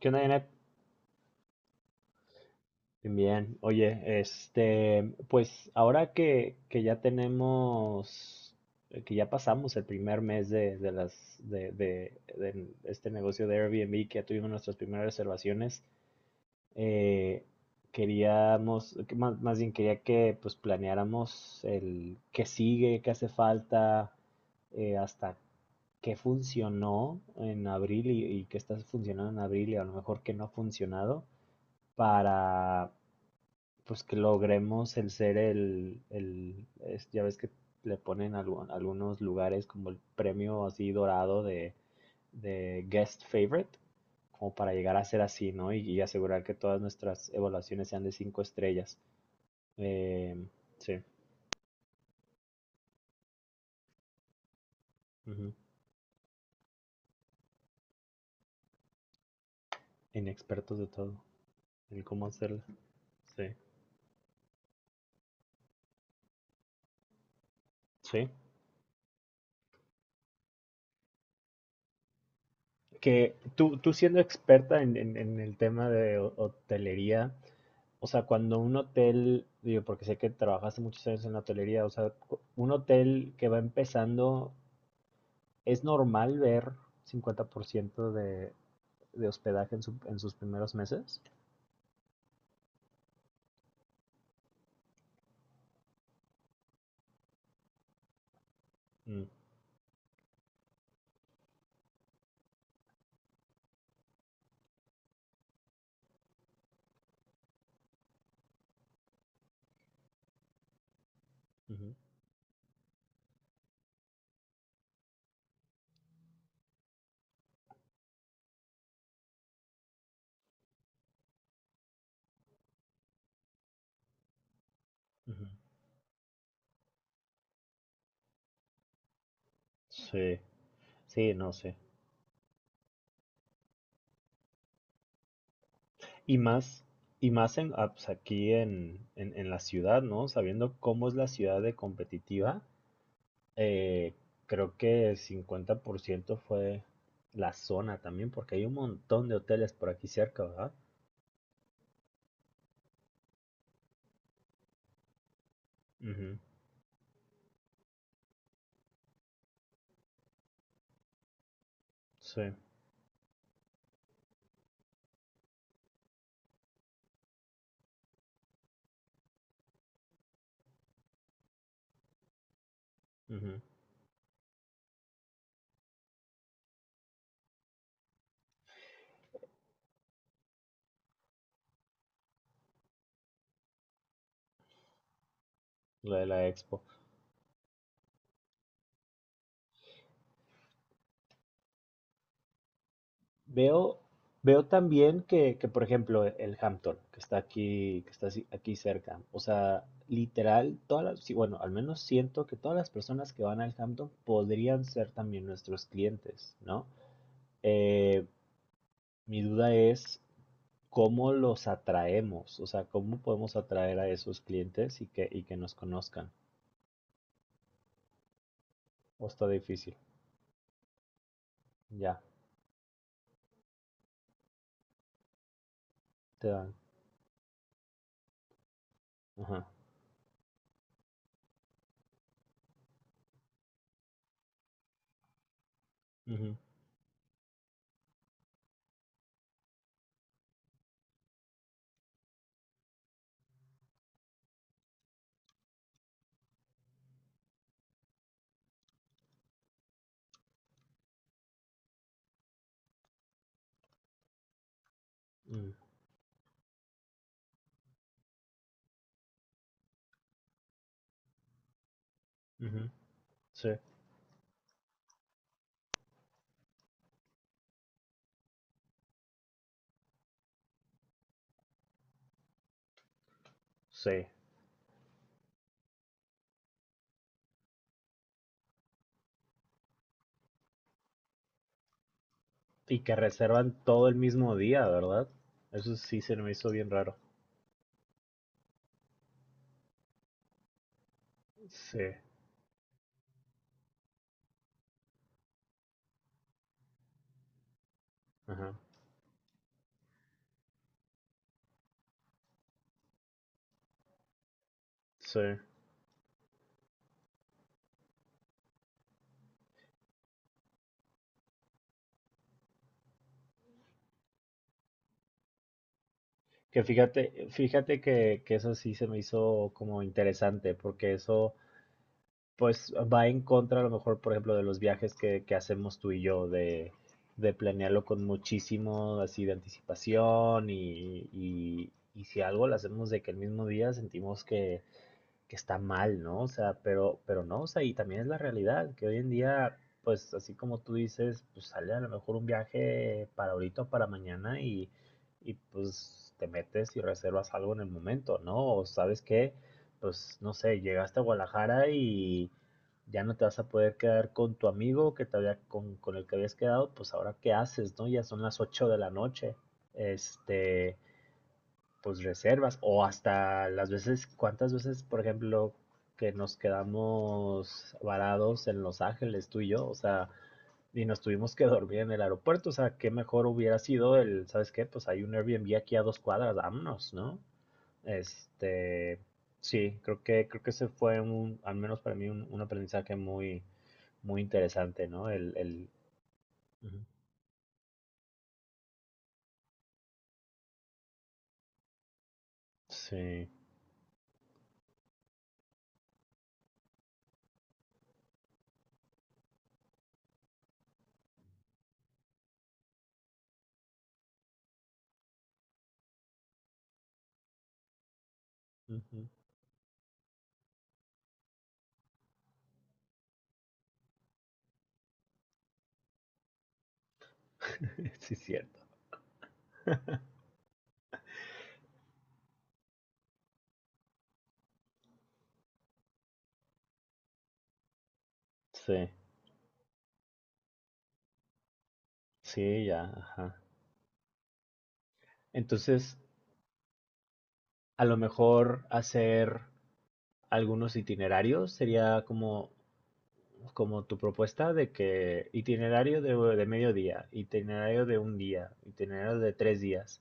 ¿Qué onda, Janet? Bien, bien. Oye, pues ahora que ya tenemos, que ya pasamos el primer mes de este negocio de Airbnb, que ya tuvimos nuestras primeras reservaciones, eh, queríamos, que más bien quería que pues planeáramos el qué sigue, qué hace falta, hasta qué funcionó en abril y qué está funcionando en abril y a lo mejor qué no ha funcionado para pues que logremos el ser ya ves que le ponen algunos lugares como el premio así dorado de guest favorite, como para llegar a ser así, ¿no? Y asegurar que todas nuestras evaluaciones sean de cinco estrellas. Em, sí, ujú. Inexpertos de todo, en cómo hacerlo. Sí, sí. Que tú siendo experta en el tema de hotelería. O sea, cuando un hotel, digo, porque sé que trabajaste muchos años en la hotelería, o sea, un hotel que va empezando, ¿es normal ver 50% de hospedaje en sus primeros meses? Mm, ujú, ujú. Sí, sí, no sé. Y más, y más en, pues, aquí en la ciudad, ¿no? Sabiendo cómo es la ciudad de competitiva, eh, creo que 50% fue la zona también, porque hay un montón de hoteles por aquí cerca, ¿verdad? Ujú, sí, ujú, lo de la expo. Veo, veo también que por ejemplo, el Hampton, que está aquí, que está aquí cerca, o sea, literal, todas las, sí, bueno, al menos siento que todas las personas que van al Hampton podrían ser también nuestros clientes, ¿no? Eh, mi duda es cómo los atraemos, o sea, cómo podemos atraer a esos clientes y que nos conozcan. O está difícil, ya, te dan. Ajá. Ujú, mm, ujú, sí. Sí, y que reservan todo el mismo día, ¿verdad? Eso sí se me hizo bien raro. Sí, ajá, sí. Que fíjate que eso sí se me hizo como interesante, porque eso pues va en contra a lo mejor, por ejemplo, de los viajes que hacemos tú y yo, de planearlo con muchísimo así de anticipación y si algo lo hacemos de que el mismo día sentimos que está mal, ¿no? O sea, pero no, o sea, y también es la realidad, que hoy en día, pues así como tú dices, pues sale a lo mejor un viaje para ahorita o para mañana y pues te metes y reservas algo en el momento, ¿no? O sabes que, pues no sé, llegaste a Guadalajara y ya no te vas a poder quedar con tu amigo que te había, con el que habías quedado, pues ahora qué haces, ¿no? Ya son las 8 de la noche, este, pues reservas o hasta las veces, cuántas veces, por ejemplo, que nos quedamos varados en Los Ángeles, tú y yo, o sea, y nos tuvimos que dormir en el aeropuerto, o sea, qué mejor hubiera sido el, ¿sabes qué? Pues hay un Airbnb aquí a dos cuadras, vámonos, ¿no? Este, sí, creo que ese fue un, al menos para mí, un aprendizaje muy interesante, ¿no? El, ujú, sí, ujú, sí, cierto, sí, sí, ya, ajá. Entonces, a lo mejor hacer algunos itinerarios sería como, como tu propuesta de que itinerario de medio día, itinerario de un día, itinerario de tres días.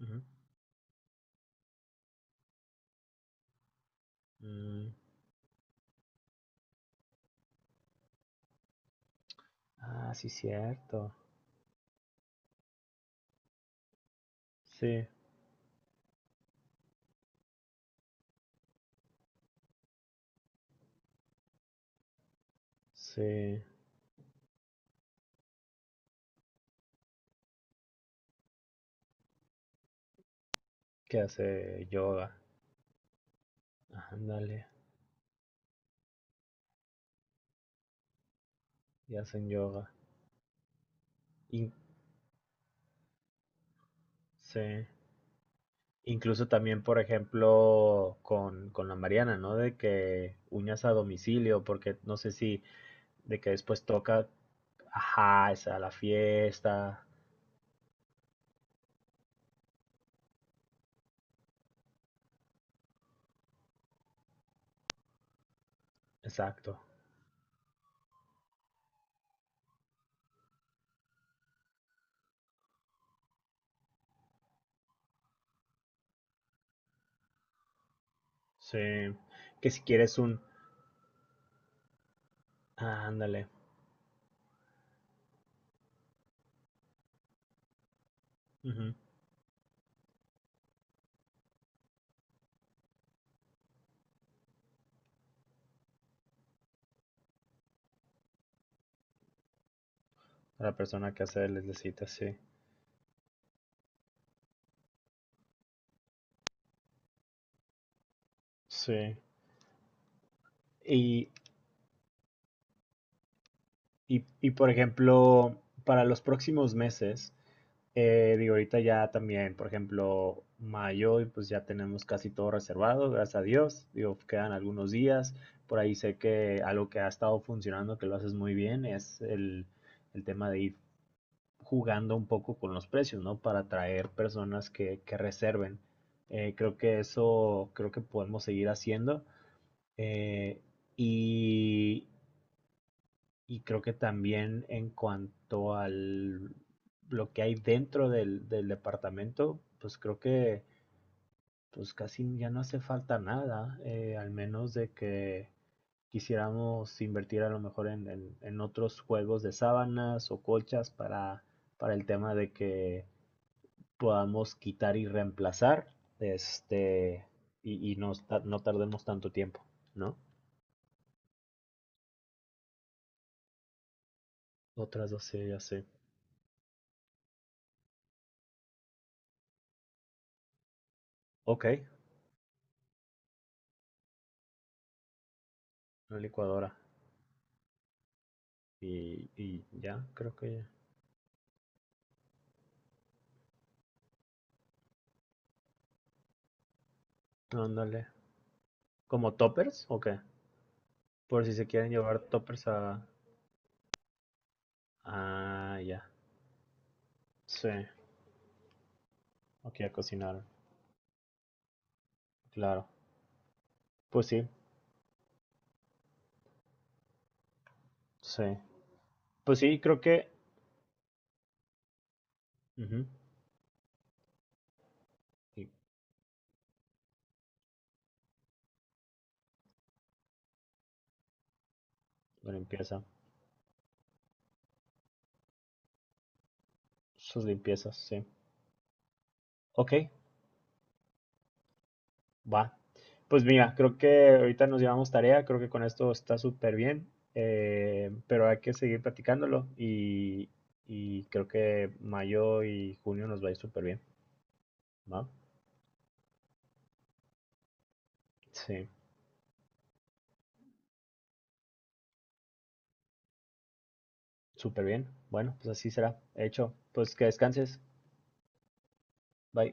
Ujú. Mm, ah, sí, cierto. Sí, sí. Que hace yoga. Ándale, y hacen yoga. In- sí. Incluso también, por ejemplo, con la Mariana, ¿no? De que uñas a domicilio, porque no sé si de que después toca, ajá, esa la fiesta, exacto. Sí, que si quieres un, ah, ándale, ujú. La persona que hace les necesita, sí. Sí. Y, y por ejemplo, para los próximos meses, digo, ahorita ya también, por ejemplo, mayo, y pues ya tenemos casi todo reservado, gracias a Dios. Digo, quedan algunos días. Por ahí sé que algo que ha estado funcionando, que lo haces muy bien, es el tema de ir jugando un poco con los precios, ¿no? Para atraer personas que reserven. Creo que eso, creo que podemos seguir haciendo. Eh, y, y creo que también en cuanto al lo que hay dentro del departamento, pues creo que pues casi ya no hace falta nada, al menos de que quisiéramos invertir a lo mejor en otros juegos de sábanas o colchas para el tema de que podamos quitar y reemplazar, este, y no, no tardemos tanto tiempo, ¿no? Otras dos sí, ya sé. Ok, una licuadora. Y ya, creo que ya. Ándale. ¿Como toppers o qué? Por si se quieren llevar toppers a... Ah, ya. Sí, aquí a cocinar, claro. Pues sí, sí. Pues sí, creo que... Ujú, y la limpieza, sus limpiezas, sí. Ok, va. Pues mira, creo que ahorita nos llevamos tarea, creo que con esto está súper bien, pero hay que seguir platicándolo y creo que mayo y junio nos va a ir súper bien, ¿va? Sí, súper bien. Bueno, pues así será. Hecho, pues que descanses. Bye.